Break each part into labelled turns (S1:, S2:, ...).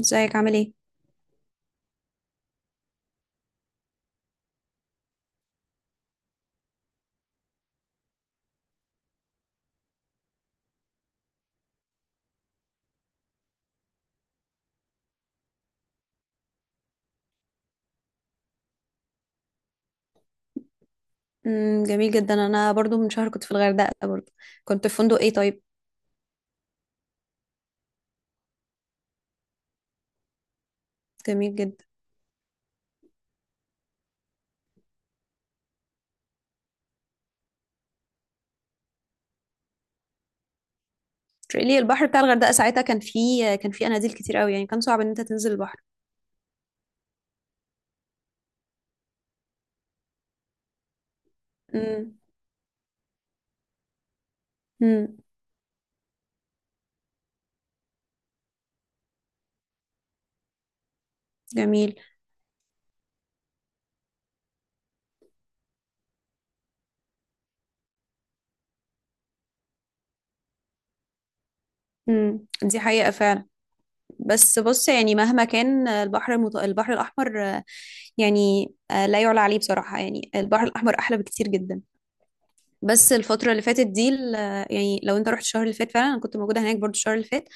S1: ازيك عامل ايه؟ جميل جدا، انا برضو من شهر كنت في الغردقه برضو. كنت في فندق ايه طيب؟ جميل جدا. تريلي البحر بتاع الغردقه ساعتها كان فيه، كان فيه اناديل كتير قوي، يعني كان صعب ان انت تنزل البحر. امم امم جميل. دي حقيقه فعلا. بس بص، يعني مهما كان البحر البحر الاحمر، يعني، لا يعلى عليه بصراحه، يعني البحر الاحمر احلى بكتير جدا. بس الفترة اللي فاتت دي يعني لو انت رحت الشهر اللي فات، فعلا انا كنت موجودة هناك برضو الشهر اللي فات.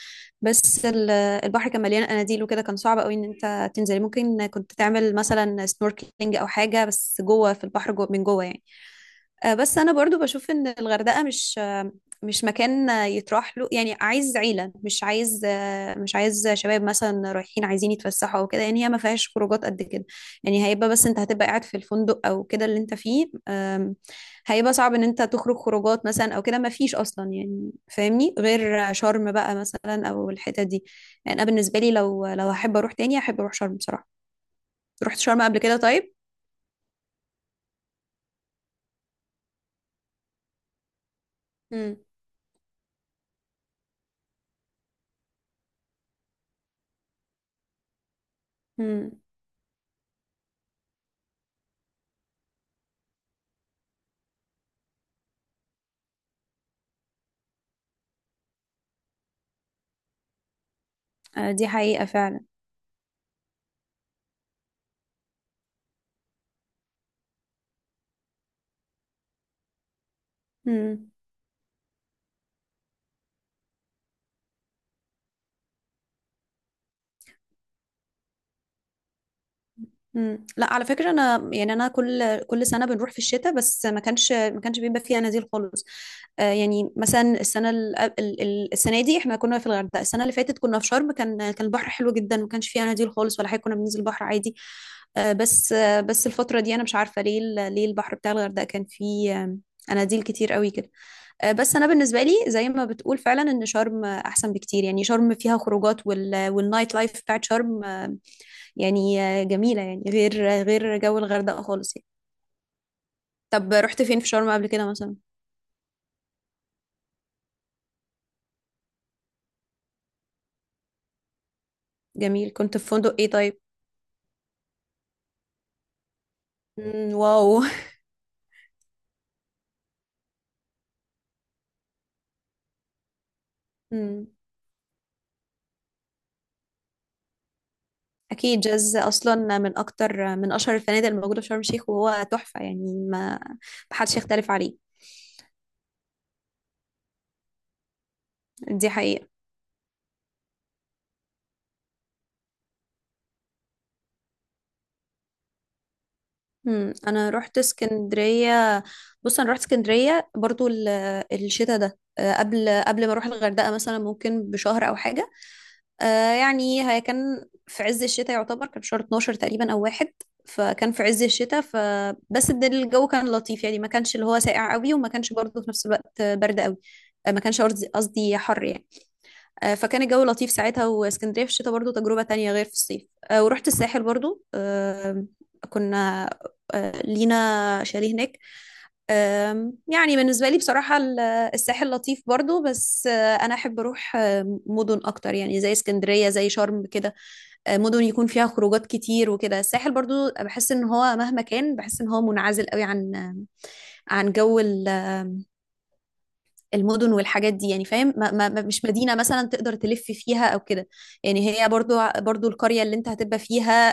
S1: بس ال- البحر كان مليان قناديل وكده، كان صعب قوي ان انت تنزلي. ممكن كنت تعمل مثلا سنوركلينج او حاجة، بس جوه في البحر، جوه من جوه يعني. بس انا برضو بشوف ان الغردقة مش مش مكان يتراح له، يعني عايز عيلة، مش عايز، مش عايز شباب مثلا رايحين عايزين يتفسحوا او كده، يعني هي ما فيهاش خروجات قد كده. يعني هيبقى، بس انت هتبقى قاعد في الفندق او كده اللي انت فيه. هيبقى صعب ان انت تخرج خروجات مثلا او كده، ما فيش اصلا يعني، فاهمني؟ غير شرم بقى مثلا او الحتت دي. يعني انا بالنسبه لي، لو هحب اروح تاني، هحب اروح شرم بصراحه. رحت شرم قبل كده طيب؟ امم امم دي حقيقه فعلا. مم. لا على فكرة، أنا يعني أنا كل سنة بنروح في الشتاء، بس ما كانش بيبقى فيها نزيل خالص. آه، يعني مثلا السنة السنة دي احنا كنا في الغردقة، السنة اللي فاتت كنا في شرم، كان البحر حلو جدا، ما كانش فيها نزيل خالص ولا حاجة، كنا بننزل البحر عادي. آه بس، آه بس الفترة دي أنا مش عارفة ليه ليه البحر بتاع الغردقة كان فيه، اناديل كتير قوي كده. بس انا بالنسبه لي زي ما بتقول، فعلا ان شرم احسن بكتير، يعني شرم فيها خروجات والنايت لايف بتاعت شرم يعني جميلة، يعني غير، غير جو الغردقة خالص يعني. طب رحت فين في شرم قبل كده مثلا؟ جميل، كنت في فندق ايه طيب؟ مم، واو. مم. اكيد جاز اصلا من اكتر، من اشهر الفنادق الموجودة في شرم الشيخ، وهو تحفة يعني، ما محدش يختلف عليه. دي حقيقة. مم. انا رحت اسكندريه. بص انا رحت اسكندريه برضو الشتاء ده، قبل، قبل ما اروح الغردقه مثلا، ممكن بشهر او حاجه. يعني هي كان في عز الشتاء يعتبر، كان شهر 12 تقريبا او واحد. فكان في عز الشتاء، فبس الجو كان لطيف، يعني ما كانش اللي هو ساقع قوي، وما كانش برضو في نفس الوقت برد قوي. ما كانش قصدي حر يعني. فكان الجو لطيف ساعتها، واسكندرية في الشتاء برضو تجربة تانية غير في الصيف. ورحت الساحل برضو. كنا، لينا شاليه هناك. يعني بالنسبة لي بصراحة الساحل لطيف برضو، بس أنا أحب أروح مدن أكتر، يعني زي اسكندرية، زي شرم كده. مدن يكون فيها خروجات كتير وكده. الساحل برضو بحس إن هو مهما كان بحس إن هو منعزل قوي عن، عن جو المدن والحاجات دي يعني، فاهم؟ مش مدينة مثلا تقدر تلف فيها او كده. يعني هي برضو القرية اللي انت هتبقى فيها،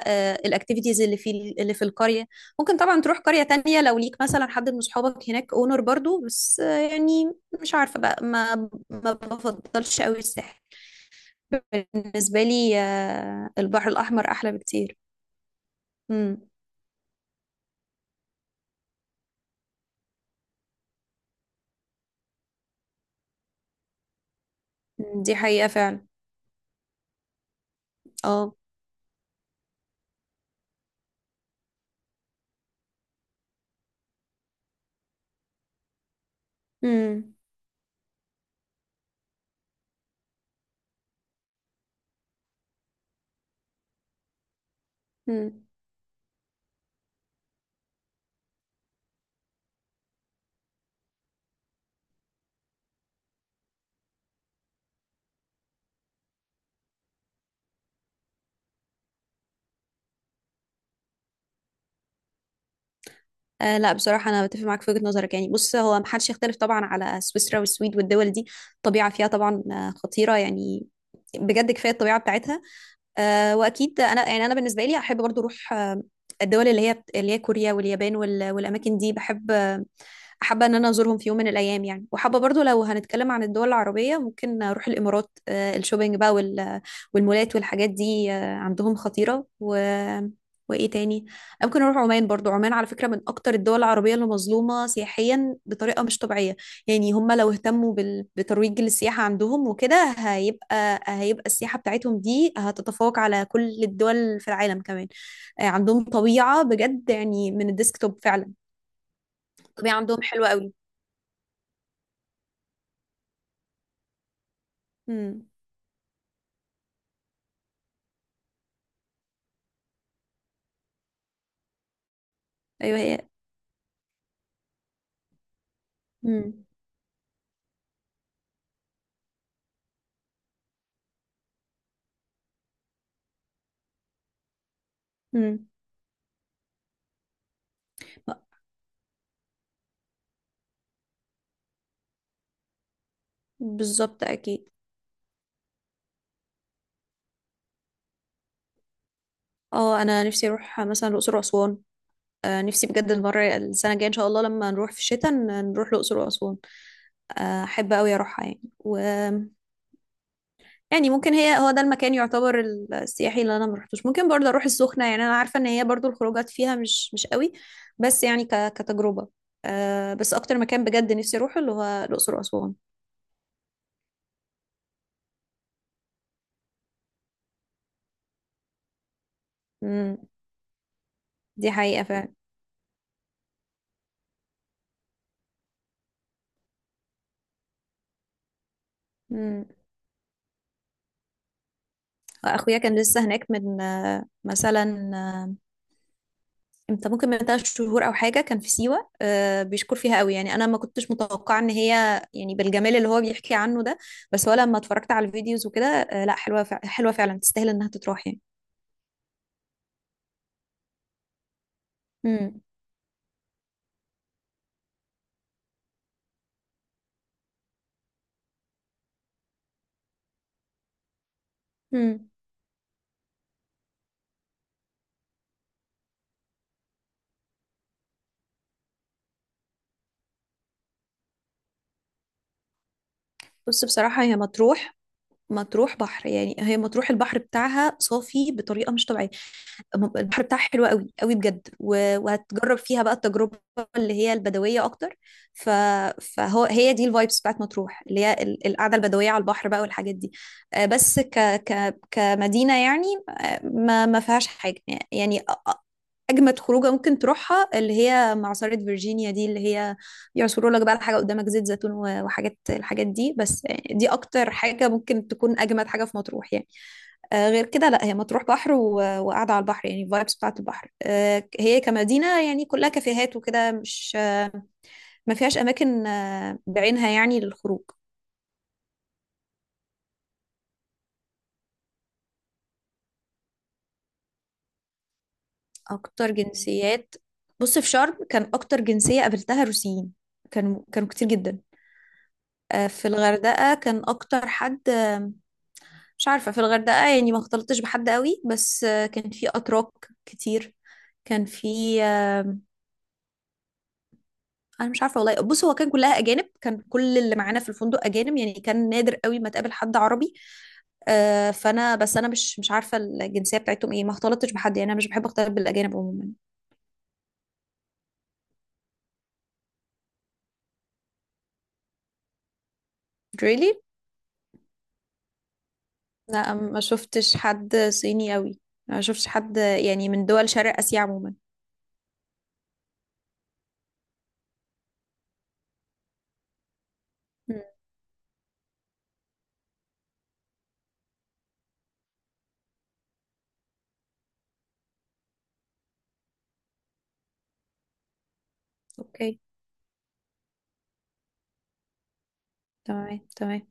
S1: الاكتيفيتيز اللي في، اللي في القرية. ممكن طبعا تروح قرية تانية لو ليك مثلا حد من صحابك هناك اونر برضو، بس يعني مش عارفة بقى، ما بفضلش قوي الساحل. بالنسبة لي البحر الأحمر أحلى بكتير. امم دي حقيقة فعلا. اه. امم آه لا، بصراحة أنا بتفق معاك في وجهة نظرك، يعني بص، هو محدش يختلف طبعا على سويسرا والسويد والدول دي. الطبيعة فيها طبعا خطيرة يعني، بجد كفاية الطبيعة بتاعتها. آه، وأكيد أنا يعني أنا بالنسبة لي أحب برضو أروح الدول اللي هي، اللي هي كوريا واليابان والأماكن دي، بحب، حابة ان انا ازورهم في يوم من الايام يعني. وحابة برضو، لو هنتكلم عن الدول العربية، ممكن اروح الامارات. الشوبينج بقى والمولات والحاجات دي، عندهم خطيرة وايه تاني؟ ممكن اروح عمان برضو. عمان على فكرة من اكتر الدول العربية اللي مظلومة سياحيا بطريقة مش طبيعية. يعني هم لو اهتموا بترويج للسياحة عندهم وكده، هيبقى السياحة بتاعتهم دي هتتفوق على كل الدول في العالم كمان. عندهم طبيعة بجد، يعني من الديسكتوب فعلا. الطبيعة عندهم حلوة قوي. امم ايوه هي. امم امم بالظبط اكيد. اه انا نفسي اروح مثلا الاقصر واسوان. آه نفسي بجد المره السنه الجايه ان شاء الله لما نروح في الشتاء، نروح الاقصر واسوان. احب قوي اروحها يعني. و يعني ممكن هي، هو ده المكان يعتبر السياحي اللي انا ما رحتوش. ممكن برضه اروح السخنه، يعني انا عارفه ان هي برضه الخروجات فيها مش قوي، بس يعني كتجربه. آه بس اكتر مكان بجد نفسي اروحه اللي هو الاقصر واسوان. امم دي حقيقه فعلا. اخويا كان لسه هناك من، مثلا، امتى؟ ممكن من ثلاث شهور او حاجه، كان في سيوه. بيشكر فيها قوي، يعني انا ما كنتش متوقعه ان هي يعني بالجمال اللي هو بيحكي عنه ده. بس هو لما اتفرجت على الفيديوز وكده، لا حلوه حلوه فعلا، تستاهل انها تتروح يعني. امم امم بص بصراحه هي مطروح، مطروح بحر يعني، هي مطروح البحر بتاعها صافي بطريقه مش طبيعيه. البحر بتاعها حلو قوي قوي بجد، وهتجرب فيها بقى التجربة اللي هي البدوية أكتر. ف... فهو هي دي الفايبس بتاعت مطروح، اللي هي القعدة البدوية على البحر بقى والحاجات دي. بس كمدينة يعني، ما فيهاش حاجة يعني. اجمد خروجه ممكن تروحها اللي هي معصرة فيرجينيا دي، اللي هي يعصروا لك بقى الحاجه قدامك زيت زيتون الحاجات دي. بس دي اكتر حاجه ممكن تكون، اجمد حاجه في مطروح يعني. غير كده لا، هي مطروح بحر وقاعده على البحر، يعني الفايبس بتاعت البحر. هي كمدينه يعني كلها كافيهات وكده، مش، ما فيهاش اماكن بعينها يعني للخروج. اكتر جنسيات؟ بص في شرم كان اكتر جنسيه قابلتها روسيين، كانوا كتير جدا. في الغردقه كان اكتر حد، مش عارفة، في الغردقة يعني ما اختلطتش بحد قوي، بس كان في أتراك كتير. كان في آه، أنا مش عارفة والله، بص هو كان كلها أجانب، كان كل اللي معانا في الفندق أجانب يعني، كان نادر قوي ما تقابل حد عربي. فأنا، بس أنا مش عارفة الجنسية بتاعتهم إيه، ما اختلطتش بحد يعني، أنا مش بحب أختلط بالأجانب عموما. really؟ لا ما شفتش حد صيني قوي، ما شفتش حد يعني من دول شرق آسيا عموما. مم. أوكي. تمام تمام.